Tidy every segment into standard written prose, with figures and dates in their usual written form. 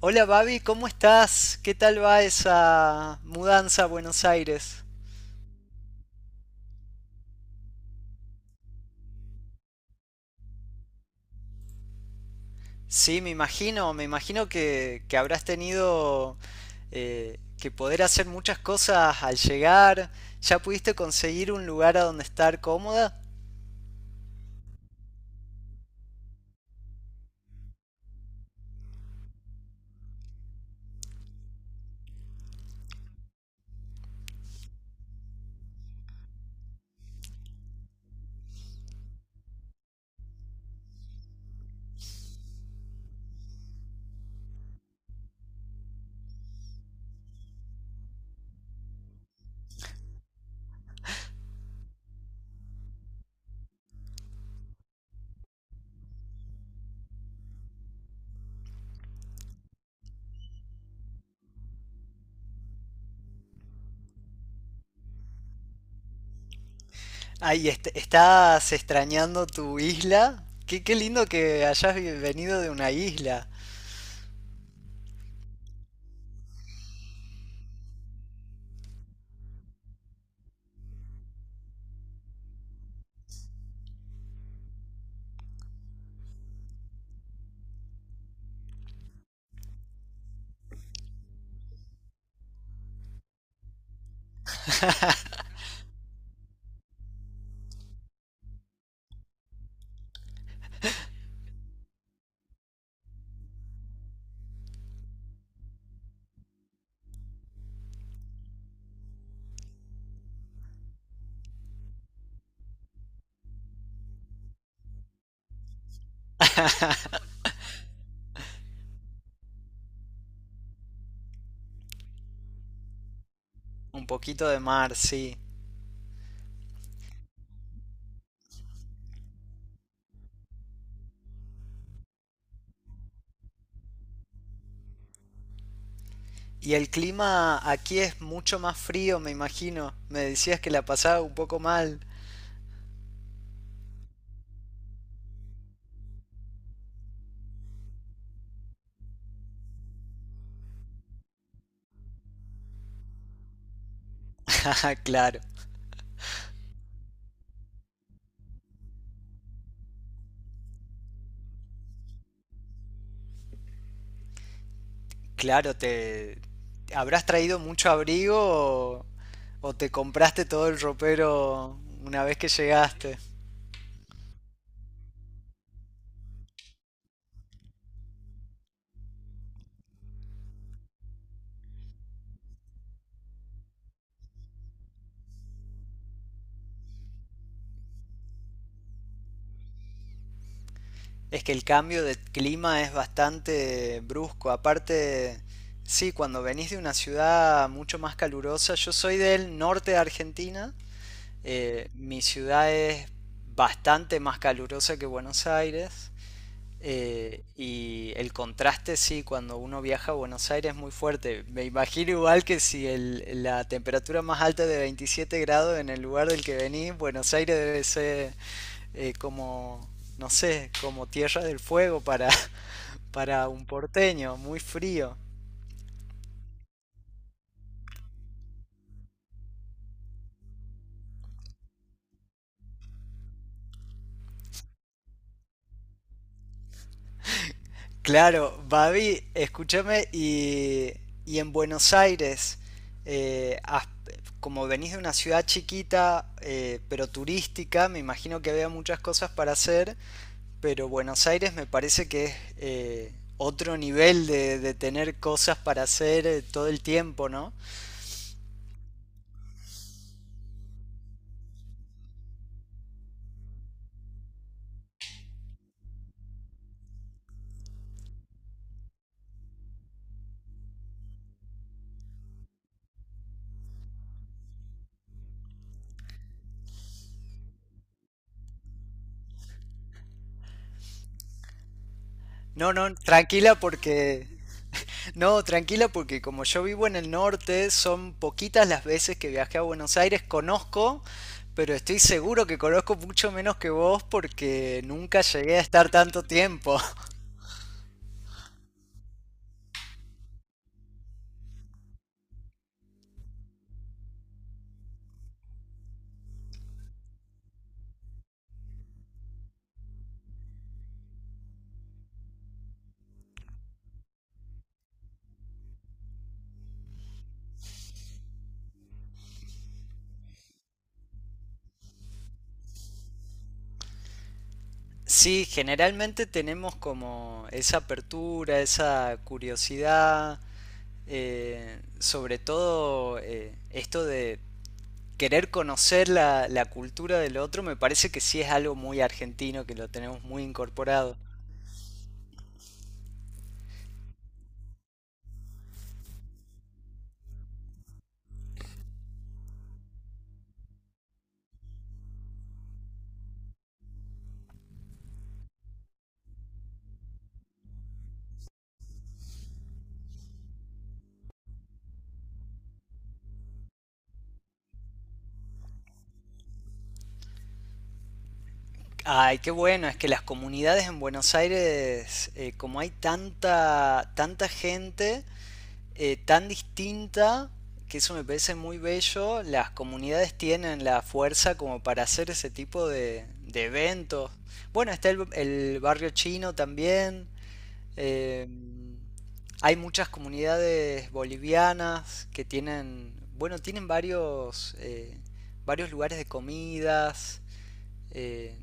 Hola Babi, ¿cómo estás? ¿Qué tal va esa mudanza a Buenos Aires? Sí, me imagino, me imagino que habrás tenido que poder hacer muchas cosas al llegar. ¿Ya pudiste conseguir un lugar a donde estar cómoda? Ay, ¿estás extrañando tu isla? Qué, qué lindo que hayas venido de una isla. Un poquito de mar, sí. Y el clima aquí es mucho más frío, me imagino. Me decías que la pasaba un poco mal. Ah, claro, claro, te habrás traído mucho abrigo o te compraste todo el ropero una vez que llegaste. Es que el cambio de clima es bastante brusco. Aparte, sí, cuando venís de una ciudad mucho más calurosa, yo soy del norte de Argentina, mi ciudad es bastante más calurosa que Buenos Aires. Y el contraste, sí, cuando uno viaja a Buenos Aires es muy fuerte. Me imagino igual que si la temperatura más alta de 27 grados en el lugar del que venís, Buenos Aires debe ser como, no sé, como tierra del fuego para, para un porteño, muy frío. Claro, Babi, escúchame, y en Buenos Aires, eh, has- como venís de una ciudad chiquita, pero turística, me imagino que había muchas cosas para hacer, pero Buenos Aires me parece que es otro nivel de tener cosas para hacer todo el tiempo, ¿no? No, no, tranquila porque... No, tranquila, porque como yo vivo en el norte, son poquitas las veces que viajé a Buenos Aires. Conozco, pero estoy seguro que conozco mucho menos que vos porque nunca llegué a estar tanto tiempo. Sí, generalmente tenemos como esa apertura, esa curiosidad, sobre todo esto de querer conocer la cultura del otro, me parece que sí es algo muy argentino, que lo tenemos muy incorporado. Ay, qué bueno, es que las comunidades en Buenos Aires, como hay tanta, tanta gente tan distinta, que eso me parece muy bello, las comunidades tienen la fuerza como para hacer ese tipo de eventos. Bueno, está el barrio chino también, eh, hay muchas comunidades bolivianas que tienen, bueno, tienen varios, varios lugares de comidas. Eh,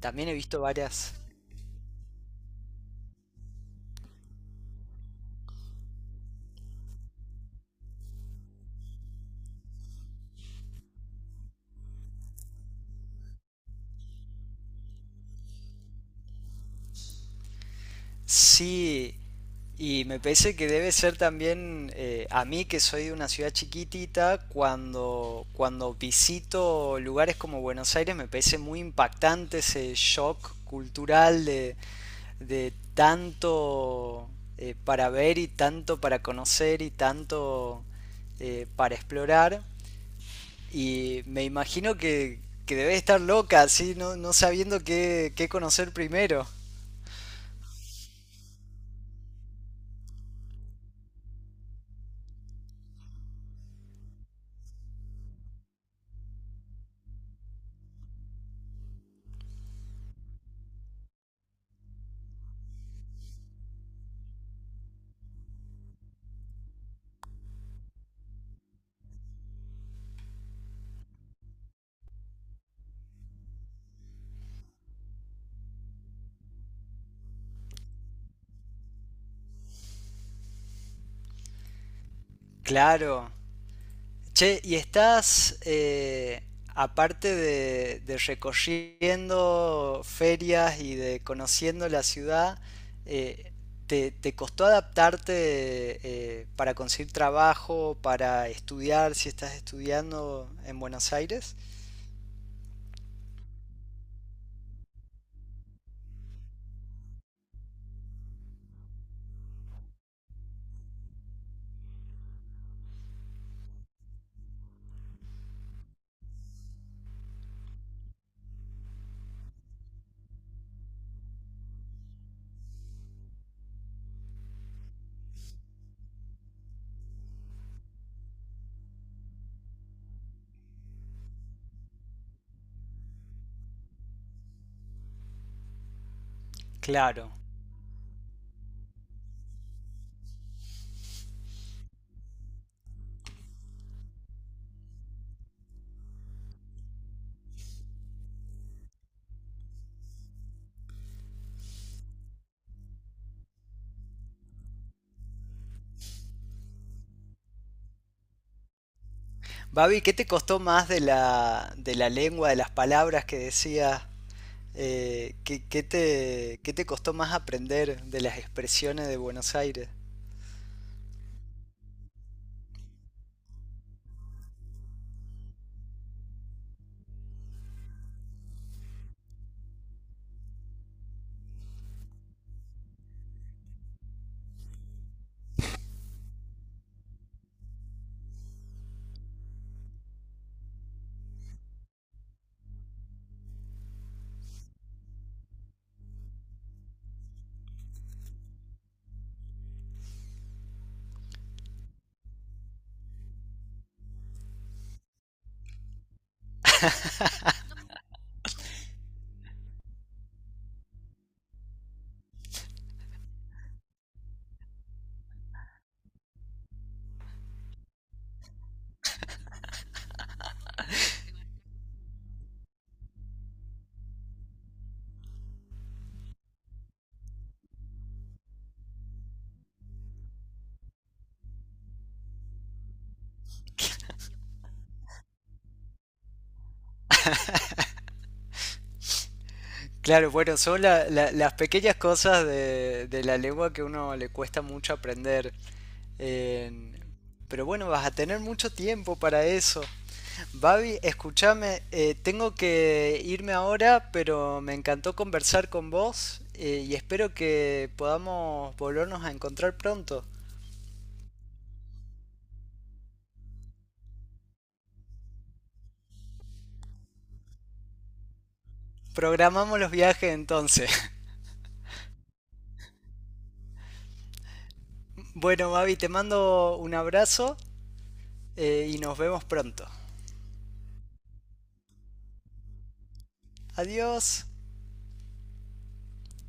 También he visto varias. Sí, y me parece que debe ser también a mí que soy de una ciudad chiquitita, cuando, cuando visito lugares como Buenos Aires me parece muy impactante ese shock cultural de tanto para ver y tanto para conocer y tanto para explorar. Y me imagino que debe estar loca, así, no, no sabiendo qué, qué conocer primero. Claro. Che, ¿y estás, aparte de recorriendo ferias y de conociendo la ciudad, eh, ¿te, te costó adaptarte para conseguir trabajo, para estudiar, si estás estudiando en Buenos Aires? Claro. Babi, ¿qué te costó más de la lengua, de las palabras que decías? ¿Qué, qué te costó más aprender de las expresiones de Buenos Aires? Claro, bueno, son las pequeñas cosas de la lengua que a uno le cuesta mucho aprender. Eh, pero bueno, vas a tener mucho tiempo para eso. Babi, escúchame, tengo que irme ahora, pero me encantó conversar con vos y espero que podamos volvernos a encontrar pronto. Programamos los viajes entonces. Bueno, Babi, te mando un abrazo y nos vemos pronto. Adiós.